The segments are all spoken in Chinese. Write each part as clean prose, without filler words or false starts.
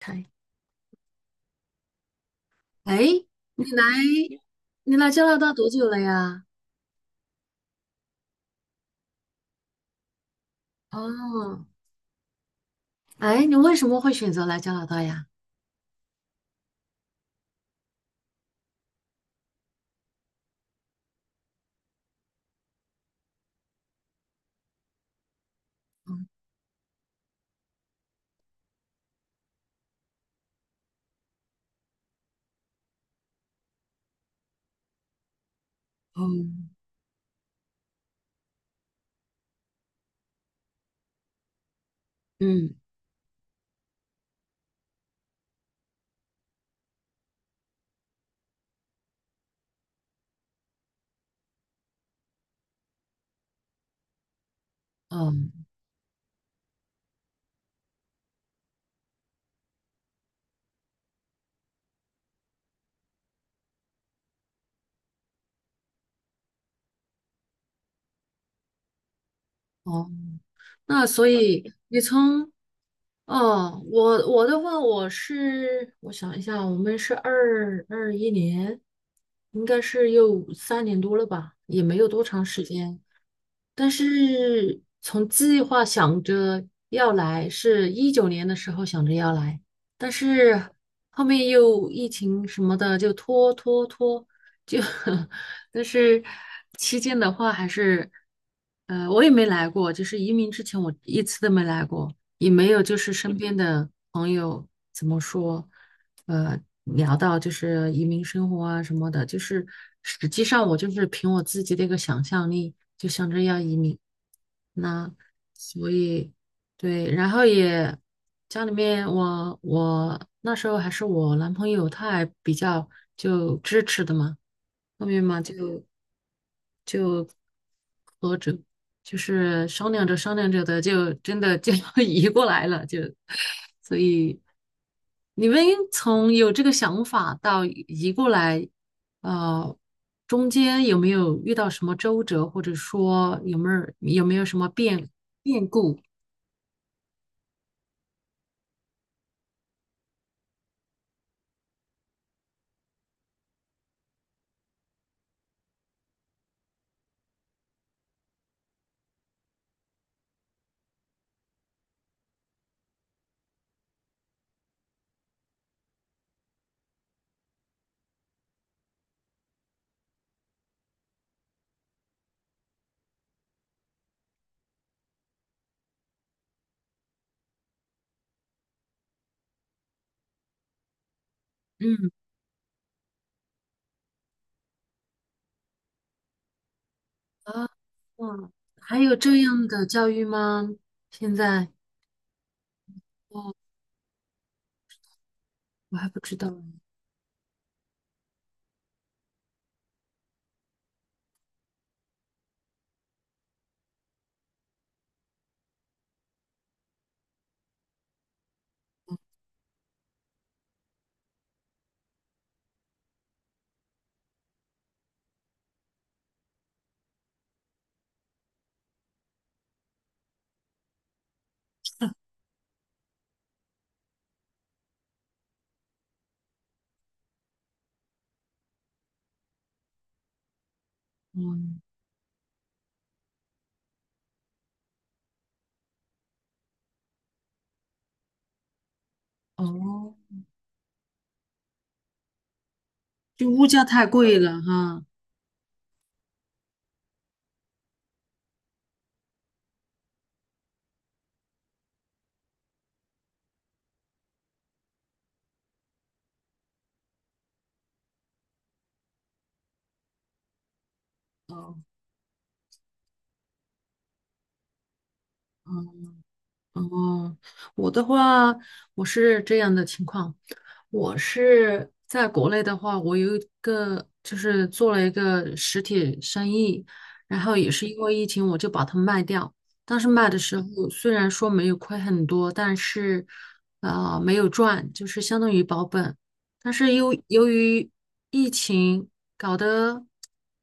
开。哎，你来你来加拿大多久了呀？哦，哎，你为什么会选择来加拿大呀？嗯嗯嗯。嗯。哦。那所以你从。哦，我的话，我想一下，我们是2021年，应该是有3年多了吧，也没有多长时间。但是从计划想着要来，是2019年的时候想着要来，但是后面又疫情什么的就拖拖拖，就 但是期间的话还是，我也没来过，就是移民之前我一次都没来过，也没有就是身边的朋友怎么说，聊到就是移民生活啊什么的，就是实际上我就是凭我自己的一个想象力，就想着要移民。那所以对，然后也家里面我那时候还是我男朋友，他还比较就支持的嘛，后面嘛就。就。波折，就是商量着商量着的，就真的就要 移过来了，就，所以你们从有这个想法到移过来，呃，中间有没有遇到什么周折，或者说有没有什么变故？嗯。啊，哇，还有这样的教育吗？现在？哦，我还不知道。嗯。哦，就物价太贵了哈。哦。哦。哦，我的话，我是这样的情况，我是在国内的话，我有一个就是做了一个实体生意，然后也是因为疫情，我就把它卖掉。当时卖的时候虽然说没有亏很多，但是没有赚，就是相当于保本。但是由于疫情搞得，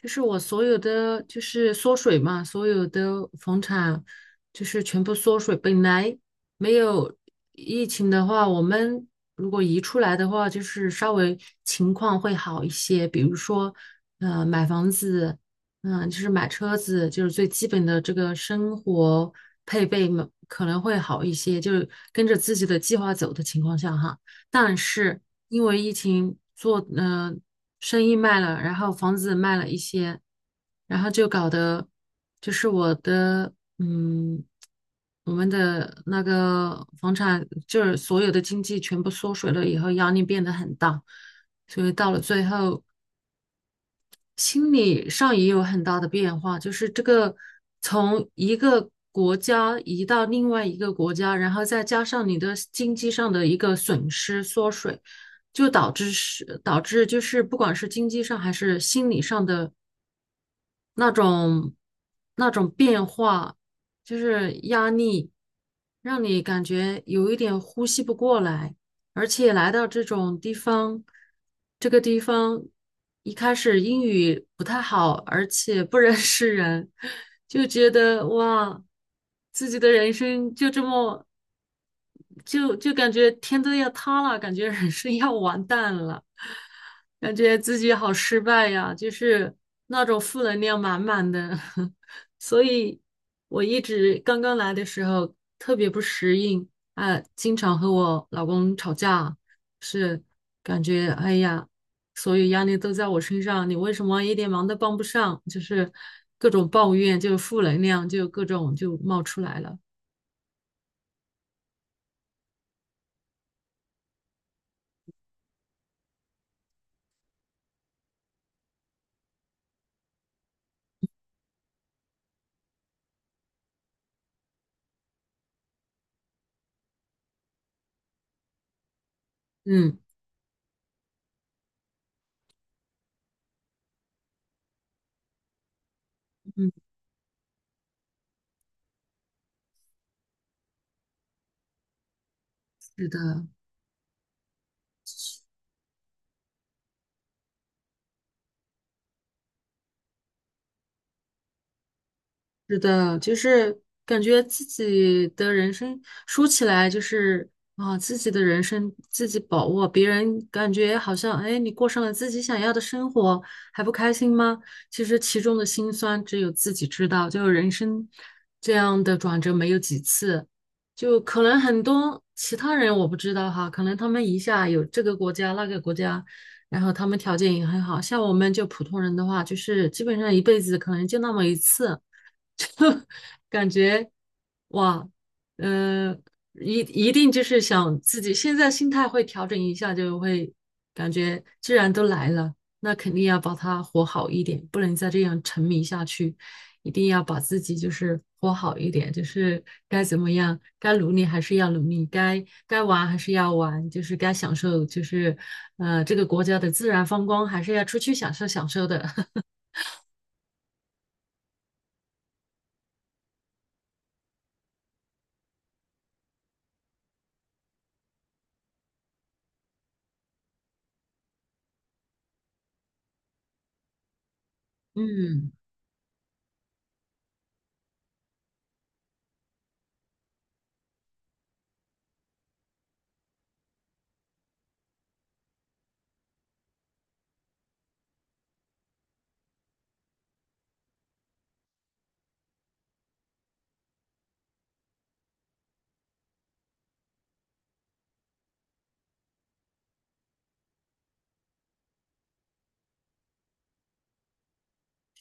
就是我所有的就是缩水嘛，所有的房产就是全部缩水。本来没有疫情的话，我们如果移出来的话，就是稍微情况会好一些。比如说，买房子，就是买车子，就是最基本的这个生活配备嘛，可能会好一些，就是跟着自己的计划走的情况下哈。但是因为疫情做，生意卖了，然后房子卖了一些，然后就搞得就是我的，我们的那个房产就是所有的经济全部缩水了以后，压力变得很大，所以到了最后。心理上也有很大的变化，就是这个从一个国家移到另外一个国家，然后再加上你的经济上的一个损失缩水，就导致就是不管是经济上还是心理上的。那种那种变化，就是压力，让你感觉有一点呼吸不过来，而且来到这种地方，这个地方一开始英语不太好，而且不认识人，就觉得哇，自己的人生就这么。就感觉天都要塌了，感觉人生要完蛋了，感觉自己好失败呀，就是那种负能量满满的。所以我一直刚刚来的时候特别不适应，啊，经常和我老公吵架，是，感觉哎呀，所有压力都在我身上，你为什么一点忙都帮不上？就是各种抱怨，就负能量，就各种就冒出来了。嗯。嗯，是的。是的，就是感觉自己的人生说起来就是啊，自己的人生自己把握，别人感觉好像哎，你过上了自己想要的生活，还不开心吗？其实其中的辛酸只有自己知道，就人生这样的转折没有几次，就可能很多其他人我不知道哈，可能他们一下有这个国家那个国家，然后他们条件也很好，像我们就普通人的话，就是基本上一辈子可能就那么一次。就感觉哇，嗯呃，一一定就是想自己现在心态会调整一下，就会感觉既然都来了，那肯定要把它活好一点，不能再这样沉迷下去，一定要把自己就是活好一点，就是该怎么样，该努力还是要努力，该玩还是要玩，就是该享受，就是这个国家的自然风光还是要出去享受享受的。嗯，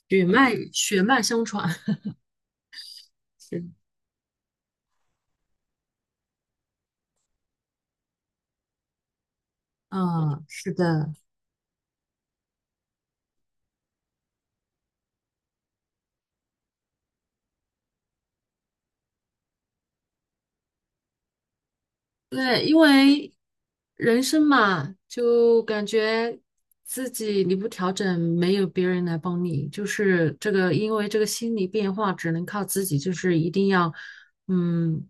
血脉相传。是。嗯，是的。对，因为人生嘛，就感觉自己你不调整，没有别人来帮你，就是这个，因为这个心理变化只能靠自己，就是一定要，嗯，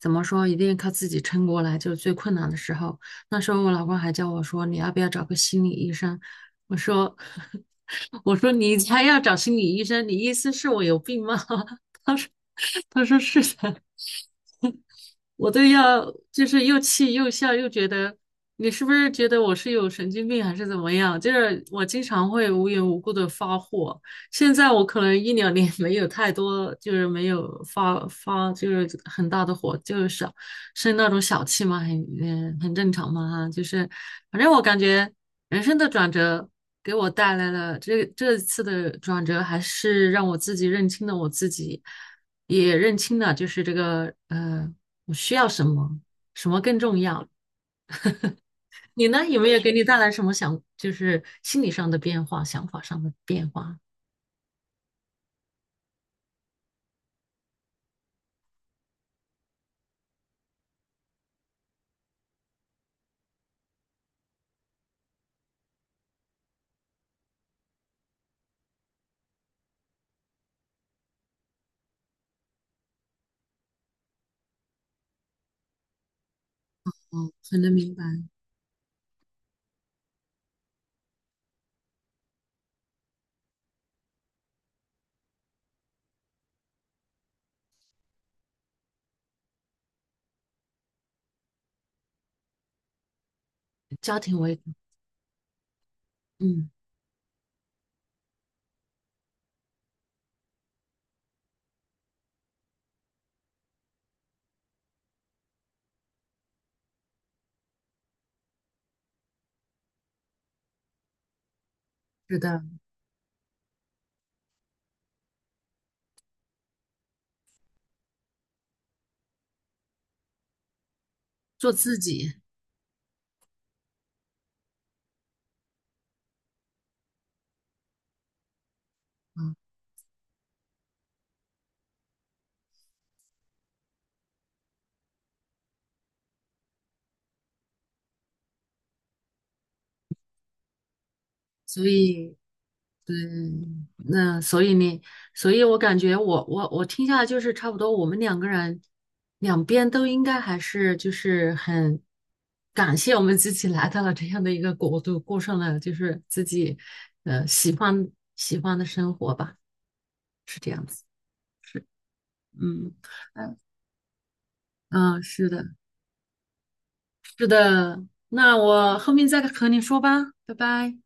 怎么说，一定要靠自己撑过来，就是最困难的时候。那时候我老公还叫我说，你要不要找个心理医生？我说，我说你才要找心理医生，你意思是我有病吗？他说是的。我都要就是又气又笑，又觉得你是不是觉得我是有神经病还是怎么样？就是我经常会无缘无故的发火，现在我可能一两年 没有太多，就是没有发就是很大的火，就是小生那种小气嘛，很正常嘛哈，就是反正我感觉人生的转折给我带来了这次的转折，还是让我自己认清了我自己。也认清了，就是这个我需要什么，什么更重要。你呢，有没有给你带来什么想，就是心理上的变化、想法上的变化？哦，很能明白。家庭为主。嗯，是的。做自己。啊，所以。对。那所以呢，所以我感觉我听下来就是差不多，我们2个人两边都应该还是就是很感谢我们自己来到了这样的一个国度，过上了就是自己呃喜欢喜欢的生活吧，是这样子，是，嗯嗯，嗯，是的，是的，那我后面再和你说吧，拜拜。